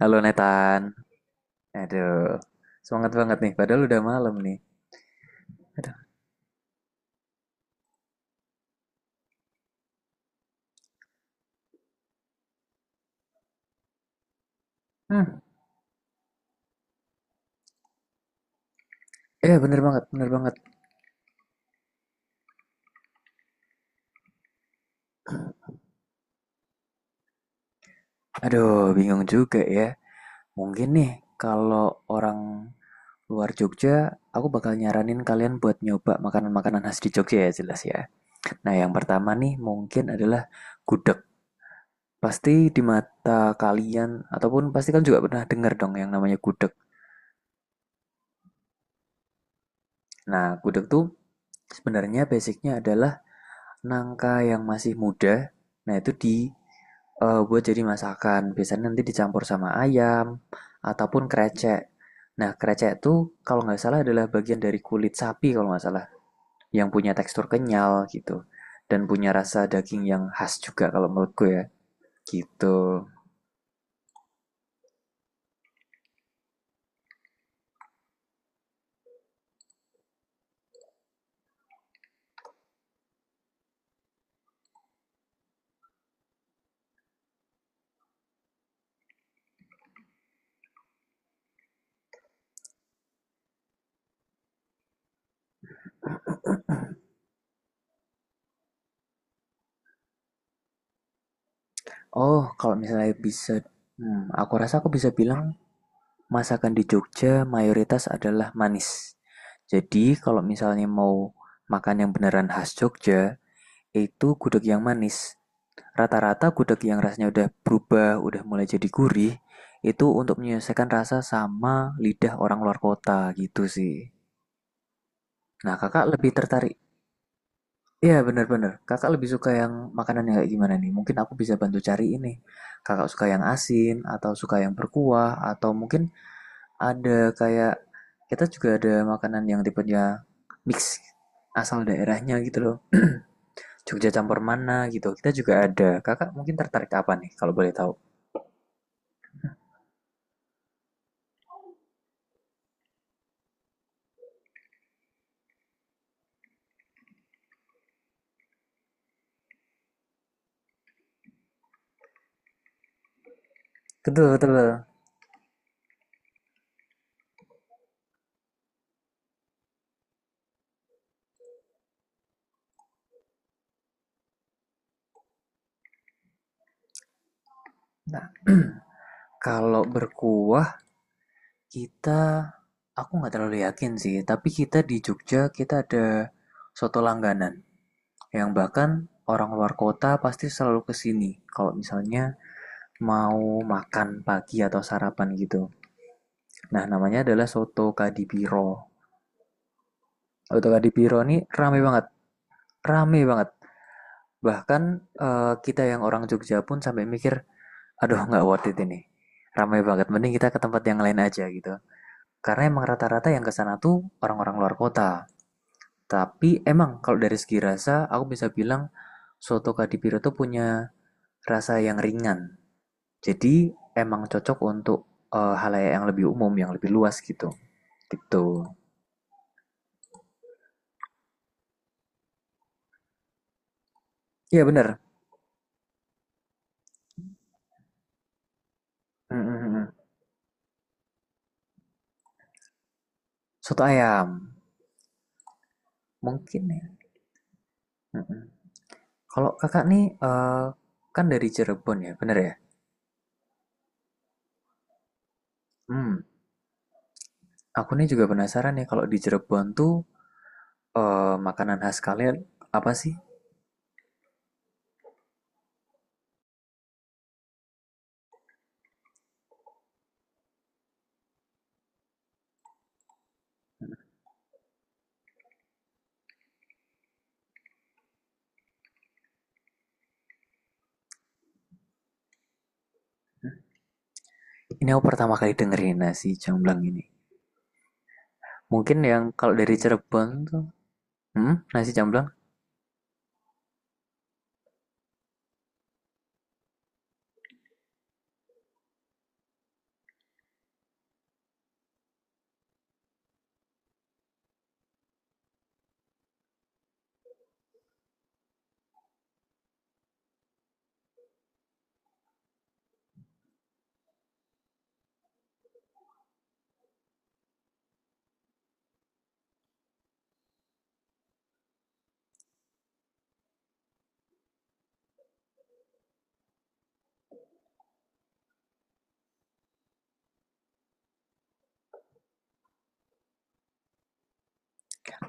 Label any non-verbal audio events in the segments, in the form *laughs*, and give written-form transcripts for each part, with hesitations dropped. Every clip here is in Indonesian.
Halo Nathan. Aduh, semangat banget nih. Padahal udah malam nih. Aduh. Hmm. Iya bener banget, bener banget. Aduh, bingung juga ya. Mungkin nih kalau orang luar Jogja, aku bakal nyaranin kalian buat nyoba makanan-makanan khas di Jogja ya jelas ya. Nah yang pertama nih mungkin adalah gudeg. Pasti di mata kalian ataupun pasti kalian juga pernah dengar dong yang namanya gudeg. Nah gudeg tuh sebenarnya basicnya adalah nangka yang masih muda, nah itu di buat jadi masakan. Biasanya nanti dicampur sama ayam ataupun krecek. Nah, krecek itu kalau nggak salah adalah bagian dari kulit sapi kalau nggak salah, yang punya tekstur kenyal gitu dan punya rasa daging yang khas juga kalau menurutku ya. Gitu. Oh, kalau misalnya bisa, aku rasa aku bisa bilang masakan di Jogja mayoritas adalah manis. Jadi kalau misalnya mau makan yang beneran khas Jogja, yaitu gudeg yang manis. Rata-rata gudeg yang rasanya udah berubah, udah mulai jadi gurih, itu untuk menyelesaikan rasa sama lidah orang luar kota gitu sih. Nah, kakak lebih tertarik. Iya, bener-bener. Kakak lebih suka yang makanan yang kayak gimana nih? Mungkin aku bisa bantu cari ini. Kakak suka yang asin, atau suka yang berkuah, atau mungkin ada kayak, kita juga ada makanan yang tipenya mix asal daerahnya gitu loh. Jogja campur mana gitu. Kita juga ada. Kakak mungkin tertarik apa nih kalau boleh tahu? Betul, betul. Nah, *clears throat* kalau berkuah kita aku nggak terlalu yakin sih, tapi kita di Jogja ada soto langganan yang bahkan orang luar kota pasti selalu kesini kalau misalnya mau makan pagi atau sarapan gitu. Nah, namanya adalah soto Kadipiro. Soto Kadipiro ini rame banget, rame banget. Bahkan kita yang orang Jogja pun sampai mikir, aduh nggak worth it ini. Ramai banget, mending kita ke tempat yang lain aja gitu. Karena emang rata-rata yang ke sana tuh orang-orang luar kota. Tapi emang kalau dari segi rasa, aku bisa bilang soto Kadipiro tuh punya rasa yang ringan. Jadi emang cocok untuk halayak yang lebih umum, yang lebih luas gitu. Gitu. Iya benar. Soto ayam. Mungkin ya. Mm, mm. Kalau kakak nih kan dari Cirebon ya, bener ya? Hmm, aku nih juga penasaran ya kalau di Cirebon tuh makanan khas kalian apa sih? Ini aku pertama kali dengerin nasi jamblang ini. Mungkin yang kalau dari Cirebon tuh, nasi jamblang.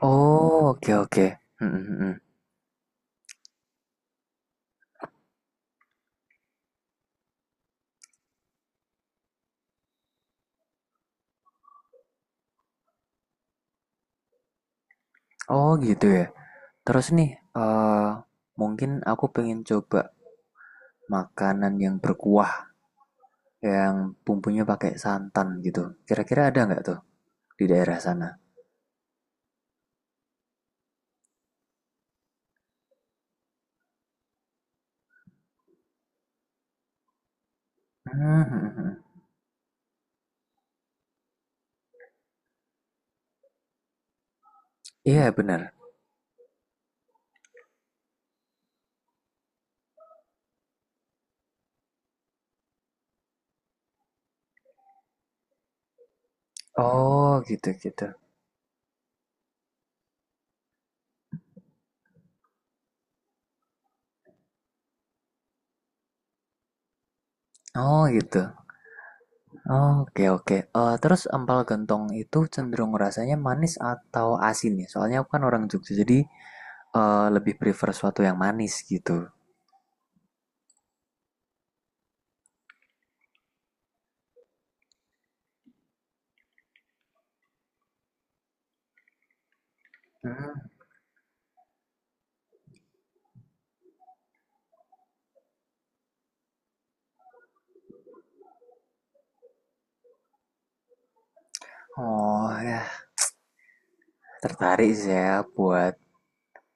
Oh, oke oke. Hmm, hmm, hmm, hmm. Oh gitu ya. Terus nih, eh mungkin aku pengen coba makanan yang berkuah, yang bumbunya pakai santan gitu. Kira-kira ada nggak tuh di daerah sana? Hmm, hmm, hmm, hmm. Iya benar. Oh gitu gitu. Oh gitu. Oke oke. Eh, terus empal gentong itu cenderung rasanya manis atau asin ya? Soalnya aku kan orang Jogja, jadi lebih prefer suatu yang manis gitu. Hmm. Oh ya, tertarik saya buat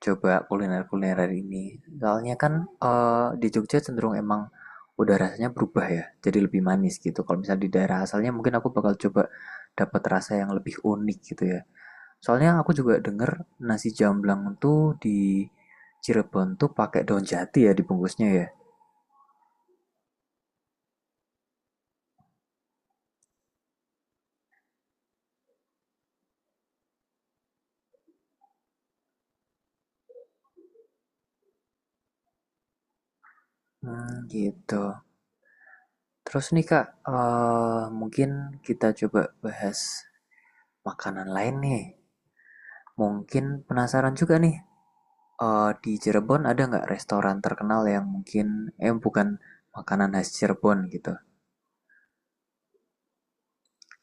coba kuliner-kuliner hari ini. Soalnya kan di Jogja cenderung emang udah rasanya berubah ya, jadi lebih manis gitu. Kalau misalnya di daerah asalnya mungkin aku bakal coba dapat rasa yang lebih unik gitu ya. Soalnya aku juga denger nasi jamblang tuh di Cirebon tuh pakai daun jati ya dibungkusnya ya. Hmm, gitu. Terus nih Kak, mungkin kita coba bahas makanan lain nih. Mungkin penasaran juga nih, di Cirebon ada nggak restoran terkenal yang mungkin, bukan makanan khas Cirebon gitu.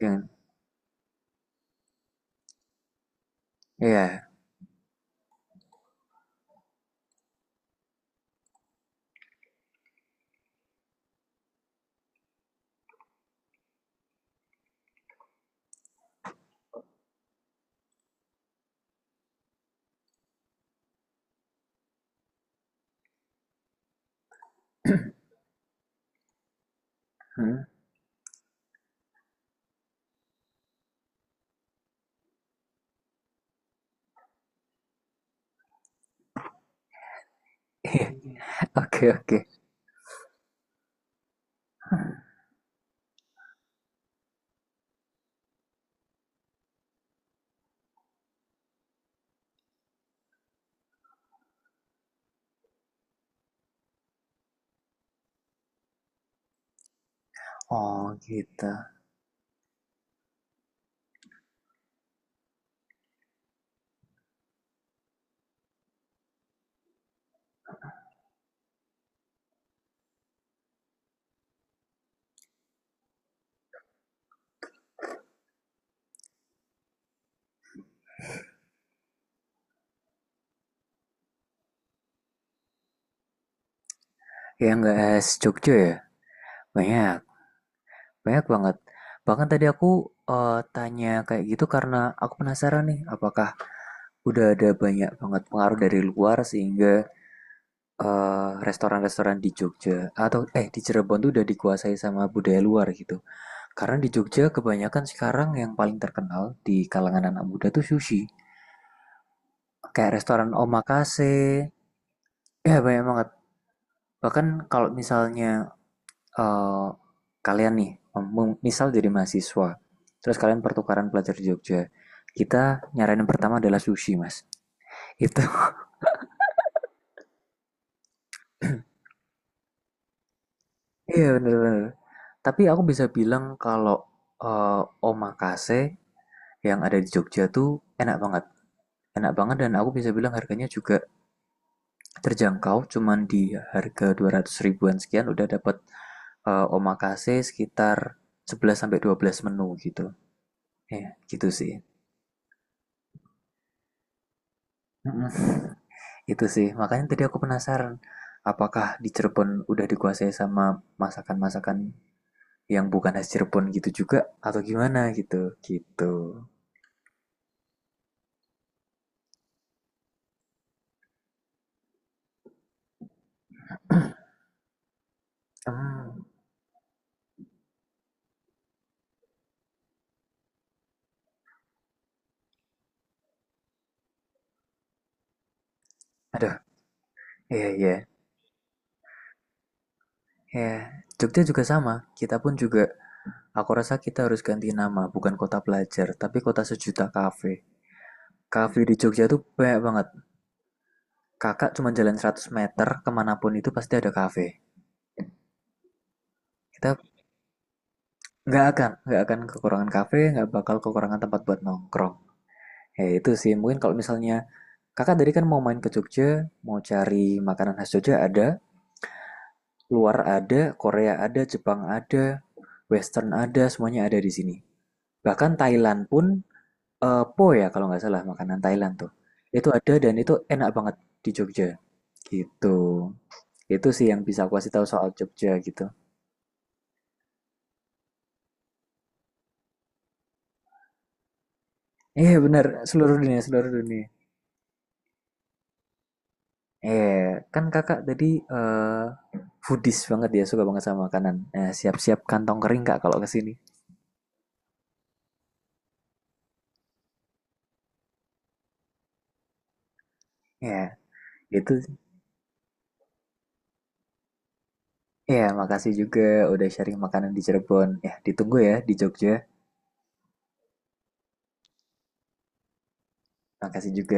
Yang, ya *laughs* oke, oke. Oh gitu. Yang nggak khas Jogja ya? Banyak. Banyak banget. Bahkan tadi aku tanya kayak gitu karena aku penasaran nih, apakah udah ada banyak banget pengaruh dari luar sehingga restoran-restoran di Jogja atau eh di Cirebon tuh udah dikuasai sama budaya luar gitu. Karena di Jogja kebanyakan sekarang yang paling terkenal di kalangan anak muda tuh sushi. Kayak restoran omakase, ya banyak banget. Bahkan kalau misalnya eh, kalian nih, misal jadi mahasiswa, terus kalian pertukaran pelajar di Jogja, kita nyaranin pertama adalah sushi, Mas. *laughs* Itu, iya bener-bener. Tapi aku bisa bilang kalau eh, omakase yang ada di Jogja tuh enak banget. Enak banget dan aku bisa bilang harganya juga terjangkau, cuman di harga 200 ribuan sekian udah dapat omakase sekitar 11 sampai 12 menu gitu. Ya, gitu sih. Itu sih, makanya tadi aku penasaran, apakah di Cirebon udah dikuasai sama masakan-masakan yang bukan khas Cirebon gitu juga atau gimana gitu. Gitu. Hmm, aduh, iya iya. Ya, Jogja juga sama. Kita pun juga, aku rasa kita harus ganti nama, bukan kota pelajar, tapi kota sejuta kafe. Kafe di Jogja tuh banyak banget. Kakak cuma jalan 100 meter kemanapun itu pasti ada kafe. Kita nggak akan kekurangan kafe, nggak bakal kekurangan tempat buat nongkrong. Ya itu sih, mungkin kalau misalnya kakak tadi kan mau main ke Jogja, mau cari makanan khas Jogja ada, luar ada, Korea ada, Jepang ada, Western ada, semuanya ada di sini. Bahkan Thailand pun, po ya kalau nggak salah makanan Thailand tuh. Itu ada dan itu enak banget di Jogja. Gitu. Itu sih yang bisa aku kasih tahu soal Jogja gitu. Eh benar, seluruh dunia, seluruh dunia. Eh, kan kakak tadi eh foodies banget ya, suka banget sama makanan. Eh, siap-siap kantong kering kak kalau ke sini. Ya, itu ya makasih juga udah sharing makanan di Cirebon. Ya, ditunggu ya di Jogja. Makasih juga.